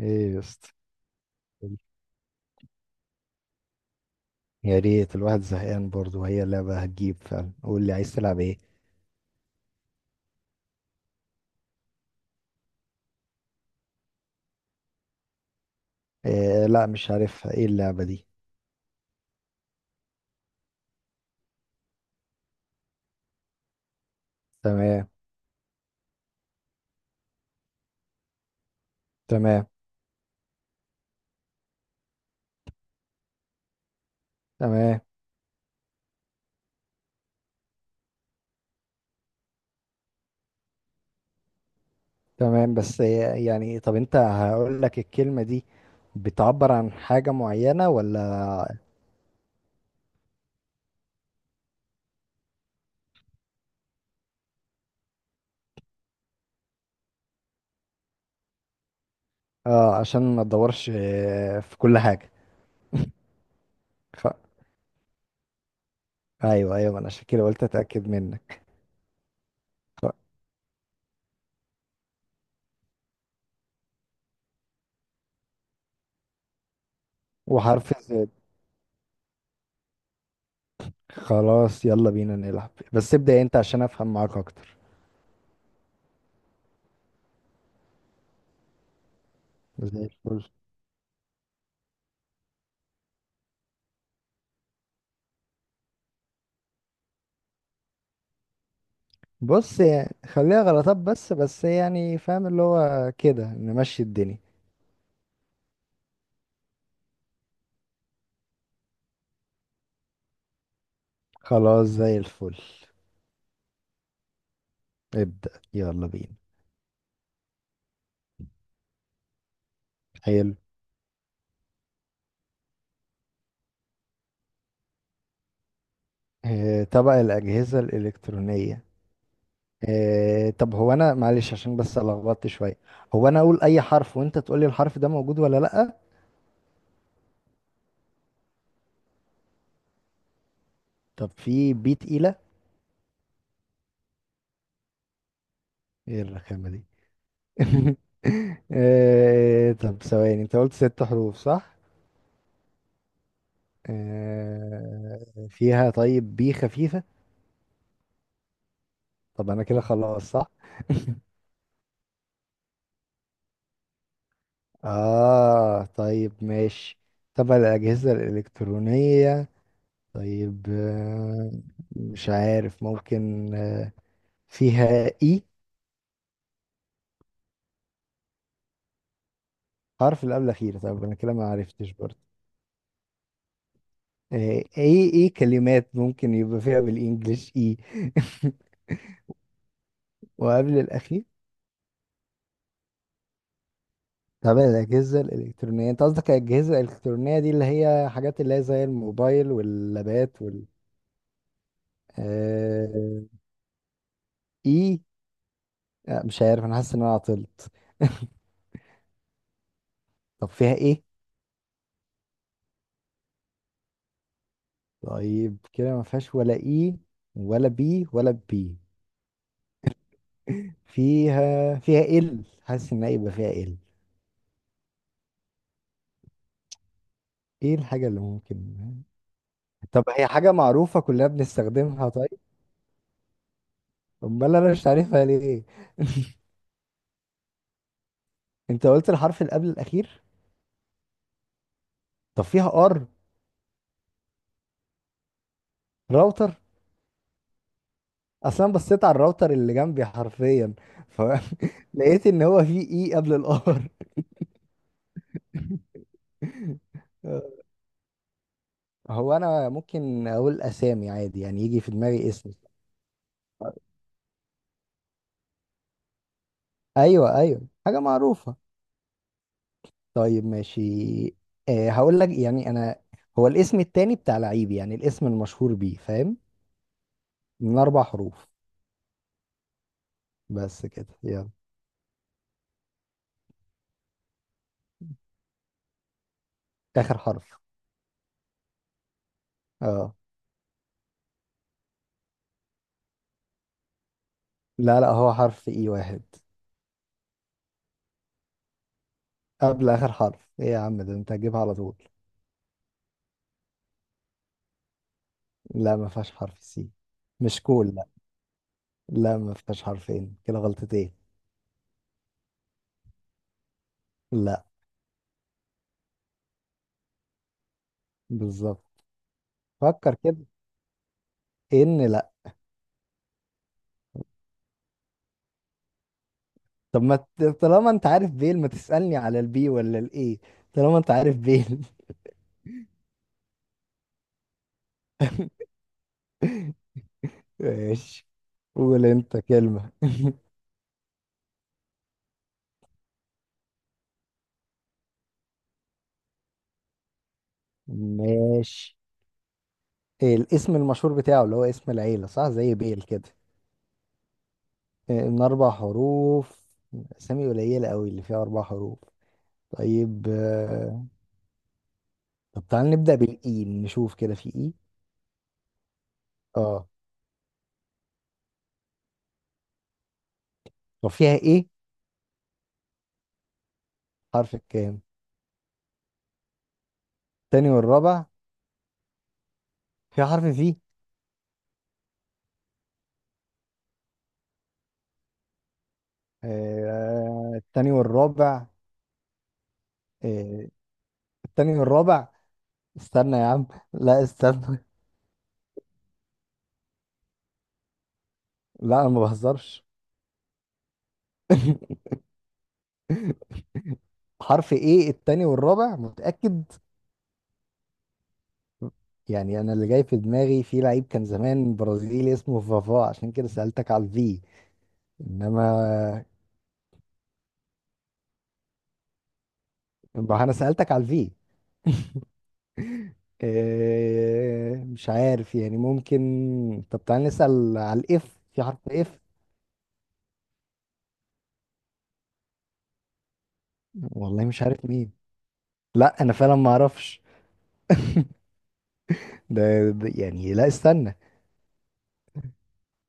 ايه يا اسطى. يا ريت الواحد زهقان برضه، وهي اللعبة هتجيب فعلا، قول لي عايز تلعب ايه؟ إيه، لا مش عارفها، ايه اللعبة دي؟ تمام. تمام. تمام. تمام. بس إيه يعني؟ طب انت هقول لك الكلمة دي بتعبر عن حاجة معينة ولا؟ اه، عشان ما تدورش في كل حاجة. خ... ايوه، ايوه، ما انا عشان كده قلت اتأكد منك. خ... وحرف الزد. خلاص، يلا بينا نلعب، بس ابدأ انت عشان افهم معاك اكتر. زي الفل. بص يعني خليها غلطات، بس يعني فاهم اللي هو كده نمشي الدنيا. خلاص، زي الفل. ابدأ، يلا بينا. حلو. آه، طبق الأجهزة الإلكترونية. آه، طب هو أنا معلش عشان بس لخبطت شوية. هو أنا أقول أي حرف وأنت تقول لي الحرف ده موجود ولا لأ؟ طب، في بي تقيلة؟ إيه الرخامة دي؟ آه، طب ثواني، أنت قلت 6 حروف صح؟ آه، فيها. طيب، بي خفيفة؟ طب انا كده خلاص صح؟ اه، طيب ماشي. تبع الاجهزة الالكترونية. طيب، مش عارف ممكن فيها اي؟ حرف اللي قبل الاخير؟ طب انا كده ما عرفتش برضه. آه، ايه، ايه كلمات ممكن يبقى فيها بالانجلش اي؟ وقبل الاخير. تبع الاجهزه الالكترونيه، انت قصدك الاجهزه الالكترونيه دي اللي هي حاجات اللي هي زي الموبايل واللابات وال... آه، اي. مش عارف، انا حاسس ان انا عطلت. طب فيها ايه؟ طيب كده ما فيهاش ولا اي؟ ولا بي ولا بي؟ فيها ال، حاسس ان هيبقى فيها ال. ايه الحاجة اللي ممكن؟ طب هي حاجة معروفة كلنا بنستخدمها؟ طيب، امال انا مش عارفها ليه؟ انت قلت الحرف اللي قبل الاخير. طب فيها ار؟ راوتر. اصلا بصيت على الراوتر اللي جنبي حرفيا، فلقيت ان هو فيه اي قبل الار. هو انا ممكن اقول اسامي عادي، يعني يجي في دماغي اسم؟ ايوه، ايوه، حاجه معروفه. طيب ماشي. أه، هقول لك يعني انا هو الاسم التاني بتاع لعيب، يعني الاسم المشهور بيه، فاهم؟ من 4 حروف. بس كده يلا. اخر حرف. اه. لا، لا، هو حرف اي واحد. قبل اخر حرف ايه؟ يا عم ده انت هتجيبها على طول. لا، ما فيهاش حرف سي. مش كول، لا. لا، ما فيهاش حرفين، كده غلطتين. لا. بالظبط. فكر كده. ان، لا. طب ما ت- طالما انت عارف بيل، ما تسألني على البي ولا الاي؟ طالما انت عارف بيل. ماشي. قول انت كلمة. ماشي. إيه الاسم المشهور بتاعه اللي هو اسم العيلة صح زي بيل كده؟ إيه من 4 حروف. أسامي قليلة قوي اللي فيها 4 حروف. طيب، طب تعال نبدأ بالإي، نشوف كده في إي. اه. طب فيها إيه؟ حرف الكام؟ التاني والرابع. فيها حرف في؟ التاني والرابع. آه، التاني والرابع. استنى يا عم، لا استنى. لا، انا ما بهزرش. حرف ايه التاني والرابع، متأكد؟ يعني انا اللي جاي في دماغي في لعيب كان زمان برازيلي اسمه فافا، عشان كده سألتك على الفي. انما، ما انا سألتك على الفي. إيه مش عارف يعني، ممكن. طب تعالى نسأل على الاف، في حرف اف؟ والله مش عارف مين. لا انا فعلا ما اعرفش. ده... يعني لا، استنى.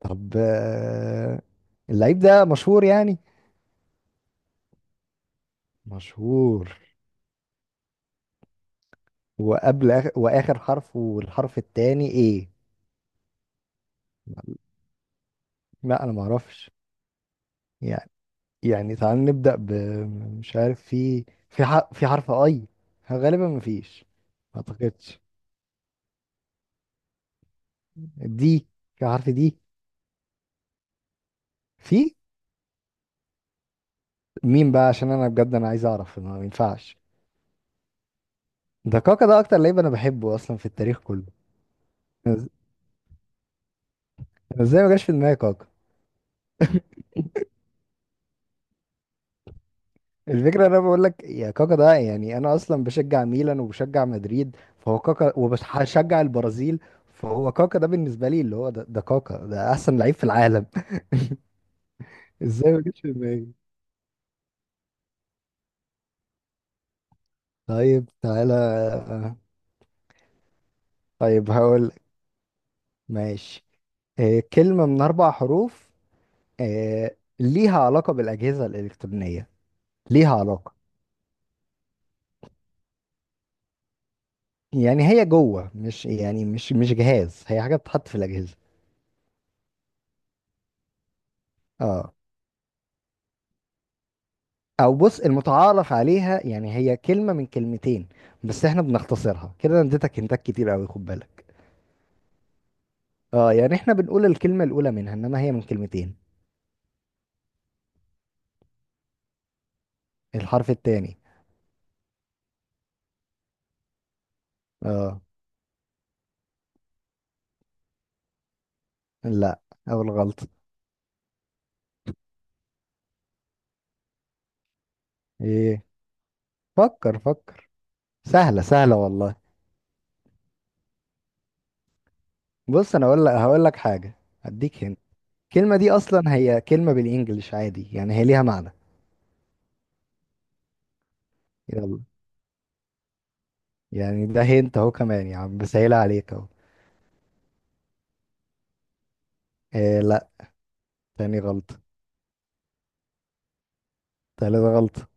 طب، اللعيب ده مشهور يعني؟ مشهور. وقبل آخر واخر حرف والحرف التاني ايه؟ لا، انا ما اعرفش يعني. يعني تعال نبدأ ب... مش عارف في حرف اي؟ غالبا ما فيش. ما اعتقدش. دي؟ في حرف دي. في... مين بقى؟ عشان انا بجد انا عايز اعرف، ما ينفعش. ده كاكا، ده اكتر لعيب انا بحبه اصلا في التاريخ كله. أنا إز- أنا ازاي ما جاش في دماغي كاكا؟ الفكرة انا بقول لك يا كاكا، ده يعني انا اصلا بشجع ميلان وبشجع مدريد فهو كاكا، وبشجع البرازيل فهو كاكا، ده بالنسبة لي اللي هو ده كاكا، ده احسن لعيب في العالم. ازاي ما جتش في دماغي؟ طيب تعالى. طيب هقول لك. ماشي. كلمة من 4 حروف. ليها علاقة بالاجهزة الالكترونية. ليها علاقة. يعني هي جوه، مش يعني مش جهاز، هي حاجة بتتحط في الاجهزة. اه. او بص، المتعارف عليها يعني هي كلمة من كلمتين، بس احنا بنختصرها كده، انا اديتك هنتات كتير قوي، خد بالك. اه يعني احنا بنقول الكلمة الاولى منها، انما هي من كلمتين. الحرف التاني. اه. لا. اول غلطة. ايه؟ فكر، فكر. سهلة، سهلة والله. بص انا اقول لك هقول لك حاجة. اديك هنا. الكلمة دي اصلا هي كلمة بالانجلش عادي، يعني هي ليها معنى. يلا. يعني ده هنت اهو كمان يا عم، بسهلها عليك اهو. إيه لا، تاني غلطة. تالت غلطة.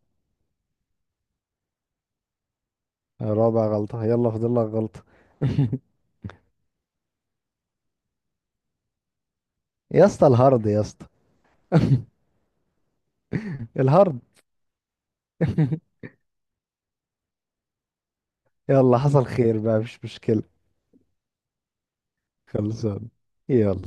رابع غلطة، يلا فاضل لك غلطة. يا اسطى الهارد، يا اسطى. الهارد. يلا، حصل خير بقى، مش مشكلة. خلصان. يلا.